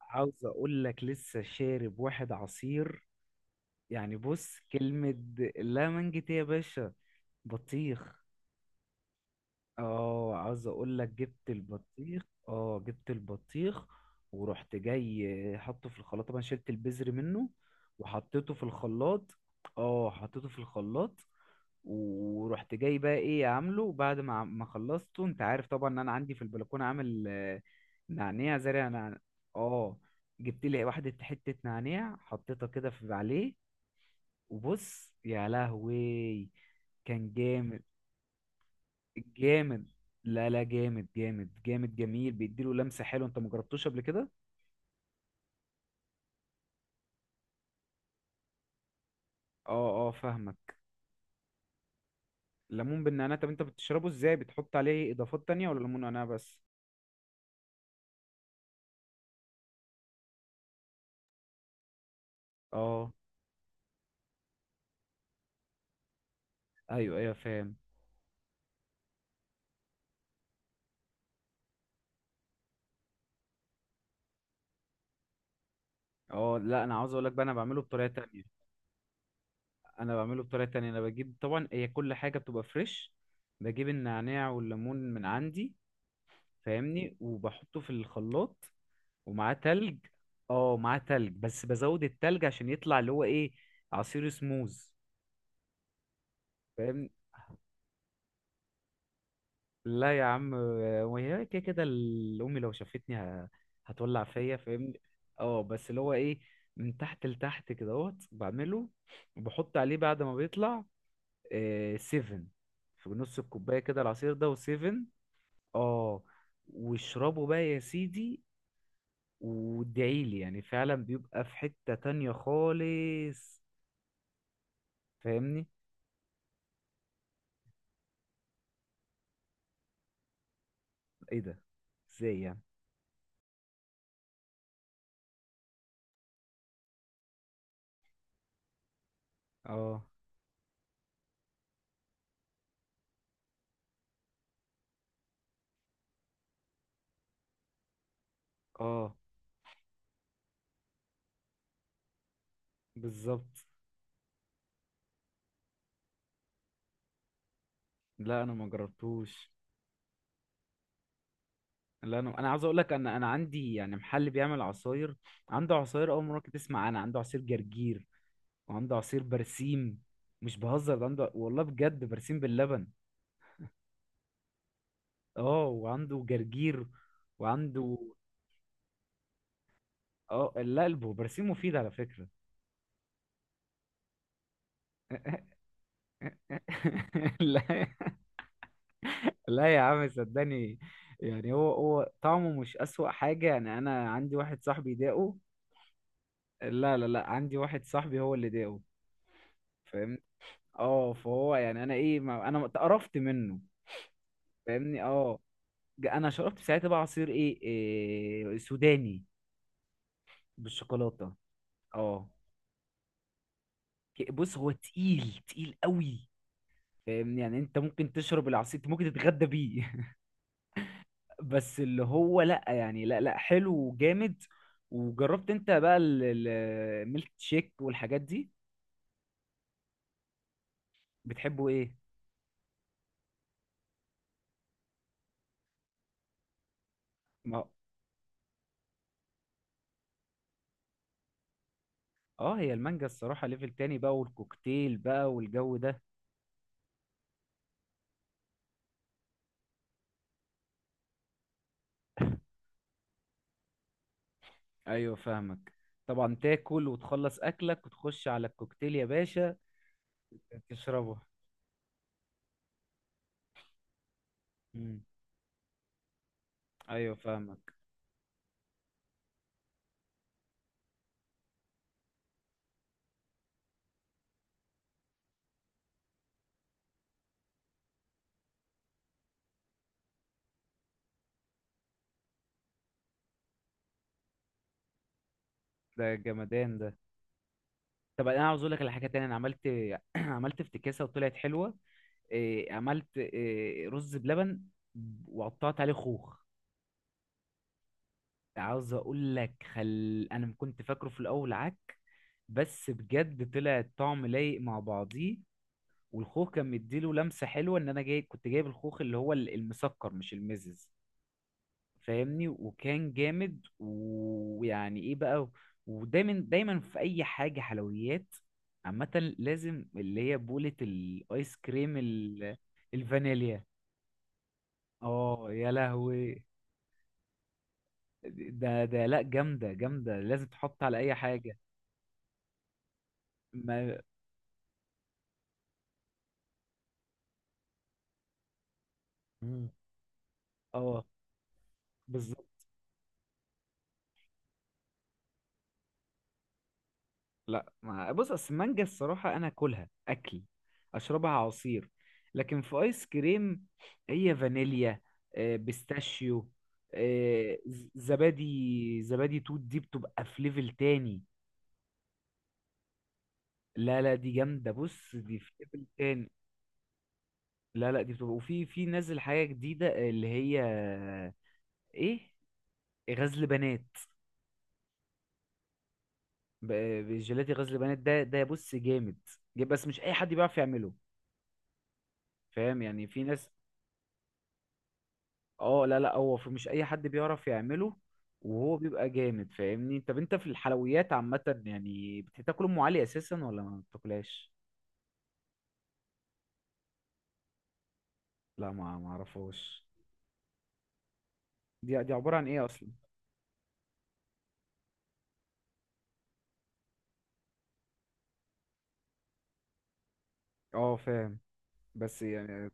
عاوز اقول لك لسه شارب واحد عصير. يعني بص كلمة. لا منجت يا باشا. بطيخ. اه عاوز اقول لك جبت البطيخ. اه جبت البطيخ. ورحت جاي حطه في الخلاط، طبعا شلت البذر منه. وحطيته في الخلاط. اه حطيته في الخلاط. ورحت جاي بقى ايه عامله بعد ما ما خلصته. انت عارف طبعا ان انا عندي في البلكونه عامل نعناع، زارع نعناع. اه جبت لي واحده حته نعناع حطيتها كده في عليه. وبص يا لهوي. كان جامد جامد. لا لا، جامد جامد جامد، جميل، بيديله لمسة حلوة. انت مجربتوش قبل كده؟ اه اه فاهمك. ليمون بالنعناع، طب انت بتشربه ازاي؟ بتحط عليه اضافات تانية ولا ليمون نعناع بس؟ اه ايوه ايوه فاهم. اه لا انا عاوز اقول لك بقى انا بعمله بطريقة تانية. انا بعمله بطريقة تانية. انا بجيب، طبعا هي كل حاجة بتبقى فريش. بجيب النعناع والليمون من عندي. فاهمني، وبحطه في الخلاط. ومعاه تلج. اه معاه تلج، بس بزود التلج عشان يطلع اللي هو ايه، عصير سموز. فاهمني. لا يا عم. وهي كده كده امي لو شافتني هتولع فيا فاهمني. اه بس اللي هو ايه، من تحت لتحت كدهوت بعمله. وبحط عليه بعد ما بيطلع آه سيفن. في نص الكوبايه كده العصير ده وسيفن. اه. واشربه بقى يا سيدي، وادعيلي. يعني فعلا بيبقى في حته تانية خالص. فاهمني. ايه ده؟ ازاي يعني؟ اه اه بالظبط. لا انا ما جربتوش. لا انا عاوز اقول لك، انا عندي يعني محل بيعمل عصاير. عنده عصاير اول مره كنت تسمع. انا عنده عصير جرجير. وعنده عصير برسيم. مش بهزر، ده عنده والله بجد، برسيم باللبن. اه وعنده جرجير. وعنده. اه لا برسيم مفيد على فكره. لا لا يا عم صدقني. يعني هو هو طعمه مش اسوأ حاجه. يعني انا عندي واحد صاحبي داقه. لا لا لا، عندي واحد صاحبي هو اللي داقه. فاهمني؟ اه فهو يعني انا ايه، ما انا اتقرفت منه. فاهمني اه. انا شربت ساعتها بقى عصير ايه، إيه، سوداني بالشوكولاته. اه. بص هو تقيل تقيل قوي. فاهمني، يعني انت ممكن تشرب العصير، انت ممكن تتغدى بيه. بس اللي هو لا يعني، لا لا حلو وجامد. وجربت انت بقى الميلك شيك والحاجات دي؟ بتحبه ايه؟ ما اه هي المانجا الصراحة ليفل تاني بقى، والكوكتيل بقى والجو ده. ايوه فاهمك. طبعا تاكل وتخلص اكلك وتخش على الكوكتيل يا باشا. تشربه. مم. ايوه فاهمك. ده جمدان ده. طب انا عاوز اقول لك على حاجه تانية. انا عملت عملت افتكاسه وطلعت حلوه. إيه عملت إيه، رز بلبن. وقطعت عليه خوخ. عاوز اقول لك، خل انا كنت فاكره في الاول عك، بس بجد طلع الطعم لايق مع بعضيه. والخوخ كان مديله لمسه حلوه. ان انا جاي كنت جايب الخوخ اللي هو المسكر مش المزز. فاهمني، وكان جامد، ويعني ايه بقى. ودايما دايما في اي حاجه حلويات عامه، لازم اللي هي بوله الايس كريم الفانيليا. اه يا لهوي. ده ده لا جامده جامده، لازم تحط على اي حاجه. ما مم. اه بالظبط. لا ما بص، اصل المانجا الصراحة انا اكلها اكل، اشربها عصير. لكن في ايس كريم، هي فانيليا، بيستاشيو، زبادي، زبادي توت دي بتبقى في ليفل تاني. لا لا دي جامدة، بص دي في ليفل تاني. لا لا دي بتبقى، وفي في نازل حاجة جديدة اللي هي ايه، غزل بنات. جيلاتي غزل بنات ده، ده بص جامد جامد، بس مش اي حد بيعرف يعمله. فاهم يعني، في ناس. اه لا لا، هو في مش اي حد بيعرف يعمله. وهو بيبقى جامد. فاهمني، طب انت في الحلويات عامة يعني بتاكل ام علي اساسا ولا ما بتاكلهاش؟ لا ما اعرفهاش. دي دي عبارة عن ايه اصلا؟ اه فاهم. بس يعني.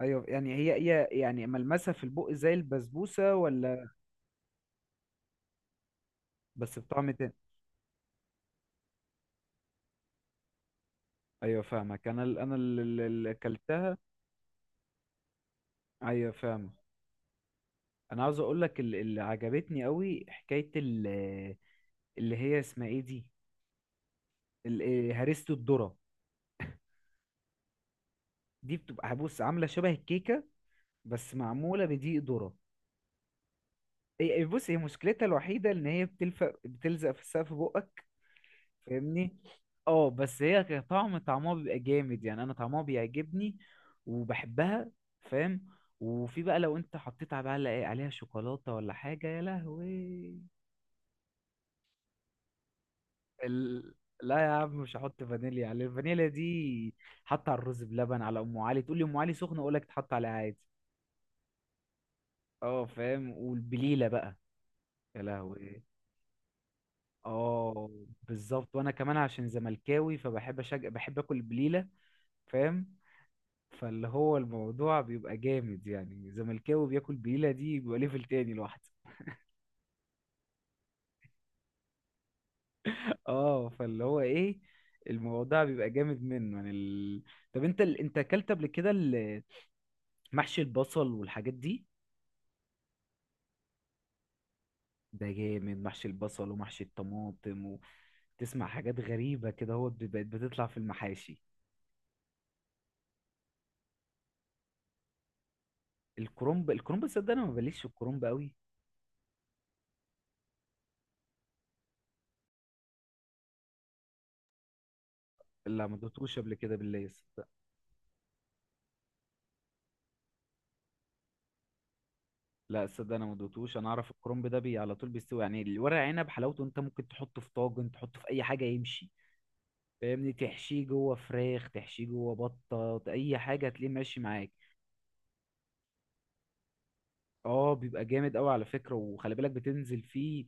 ايوه يعني هي هي يعني ملمسها في البق زي البسبوسة ولا؟ بس بطعم تاني. ايوه فاهمك. انا اللي اكلتها. ايوه فاهمك. انا عاوز اقول لك اللي عجبتني قوي حكاية اللي هي اسمها ايه دي، هريسة الذرة. دي بتبقى بص عاملة شبه الكيكة، بس معمولة بدقيق ذرة. بص هي مشكلتها الوحيدة إن هي بتلفق بتلزق في سقف بقك. فاهمني. اه بس هي كطعم، طعمها بيبقى جامد. يعني أنا طعمها بيعجبني، وبحبها. فاهم. وفي بقى لو انت حطيت على بقى إيه، عليها شوكولاتة ولا حاجة، يا لهوي. ال... لا يا عم مش هحط فانيليا على الفانيليا دي. حط على الرز بلبن، على ام علي. تقول لي ام علي سخنه، اقول لك تحط عليها عادي. اه فاهم. والبليله بقى، يا لهوي. اه بالظبط. وانا كمان عشان زملكاوي، فبحب بحب اكل بليله. فاهم. فاللي هو الموضوع بيبقى جامد. يعني زملكاوي بياكل بليله، دي بيبقى ليفل تاني لوحده. اه فاللي هو ايه، الموضوع بيبقى جامد منه. يعني طب انت انت اكلت قبل كده محشي البصل والحاجات دي؟ ده جامد محشي البصل، ومحشي الطماطم. وتسمع حاجات غريبه كده هو بقت بتطلع في المحاشي. الكرنب، الكرنب صدق انا ما بليش في الكرنب قوي. لا ما دوتوش قبل كده بالله صدق. لا صدق انا ما دوتوش. انا اعرف الكرنب ده بي على طول بيستوي يعني. الورق عنب حلاوته، انت ممكن تحطه في طاجن، تحطه في اي حاجه يمشي. فاهمني، تحشيه جوه فراخ، تحشيه جوه بطه، اي حاجه هتلاقيه ماشي معاك. اه بيبقى جامد قوي على فكره. وخلي بالك بتنزل فيه.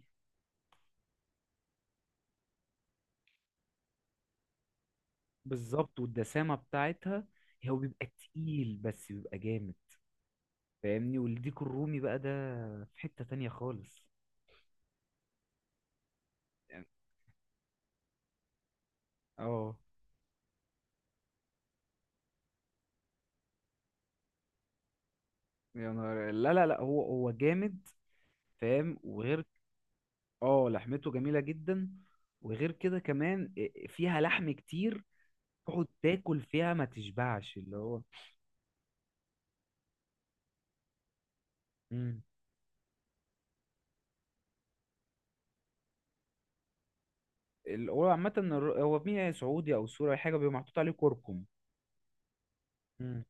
بالظبط، والدسامه بتاعتها. هو بيبقى تقيل بس بيبقى جامد. فاهمني، والديك الرومي بقى ده في حته تانية خالص. يعني اه، يا نهار لا لا لا، هو هو جامد. فاهم. وغير اه لحمته جميلة جدا. وغير كده كمان فيها لحم كتير. تقعد تاكل فيها ما تشبعش اللي هو. مم. هو عامة هو مية سعودي أو سوري، أي حاجة بيبقى محطوط عليه كركم. مم.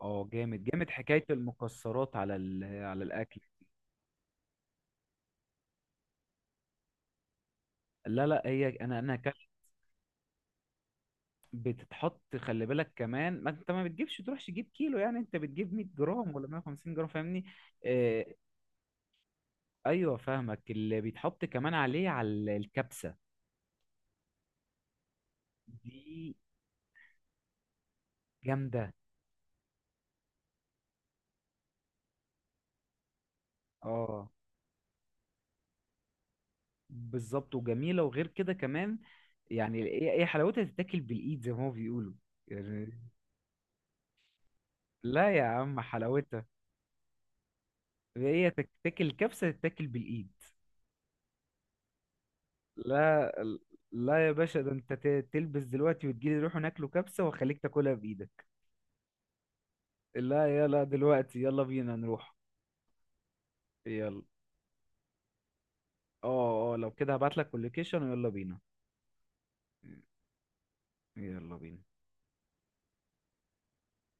اه جامد جامد حكاية المكسرات على على الأكل. لا لا هي، أنا أكلت. بتتحط، خلي بالك كمان، ما أنت ما بتجيبش تروحش تجيب كيلو. يعني أنت بتجيب 100 جرام ولا 150 جرام. فاهمني. آه أيوه فاهمك. اللي بيتحط كمان عليه على الكبسة دي جامدة. اه بالظبط وجميله. وغير كده كمان يعني ايه، إيه حلاوتها تتاكل بالايد زي ما هو بيقولوا يعني. لا يا عم حلاوتها، هي تتاكل كبسه تتاكل بالايد. لا لا يا باشا، ده انت تلبس دلوقتي وتجيلي نروح ناكله كبسه، واخليك تاكلها بايدك. لا يلا دلوقتي، يلا بينا نروح. يلا. اه اه لو كده هبعتلك اللوكيشن ويلا بينا. يلا بينا.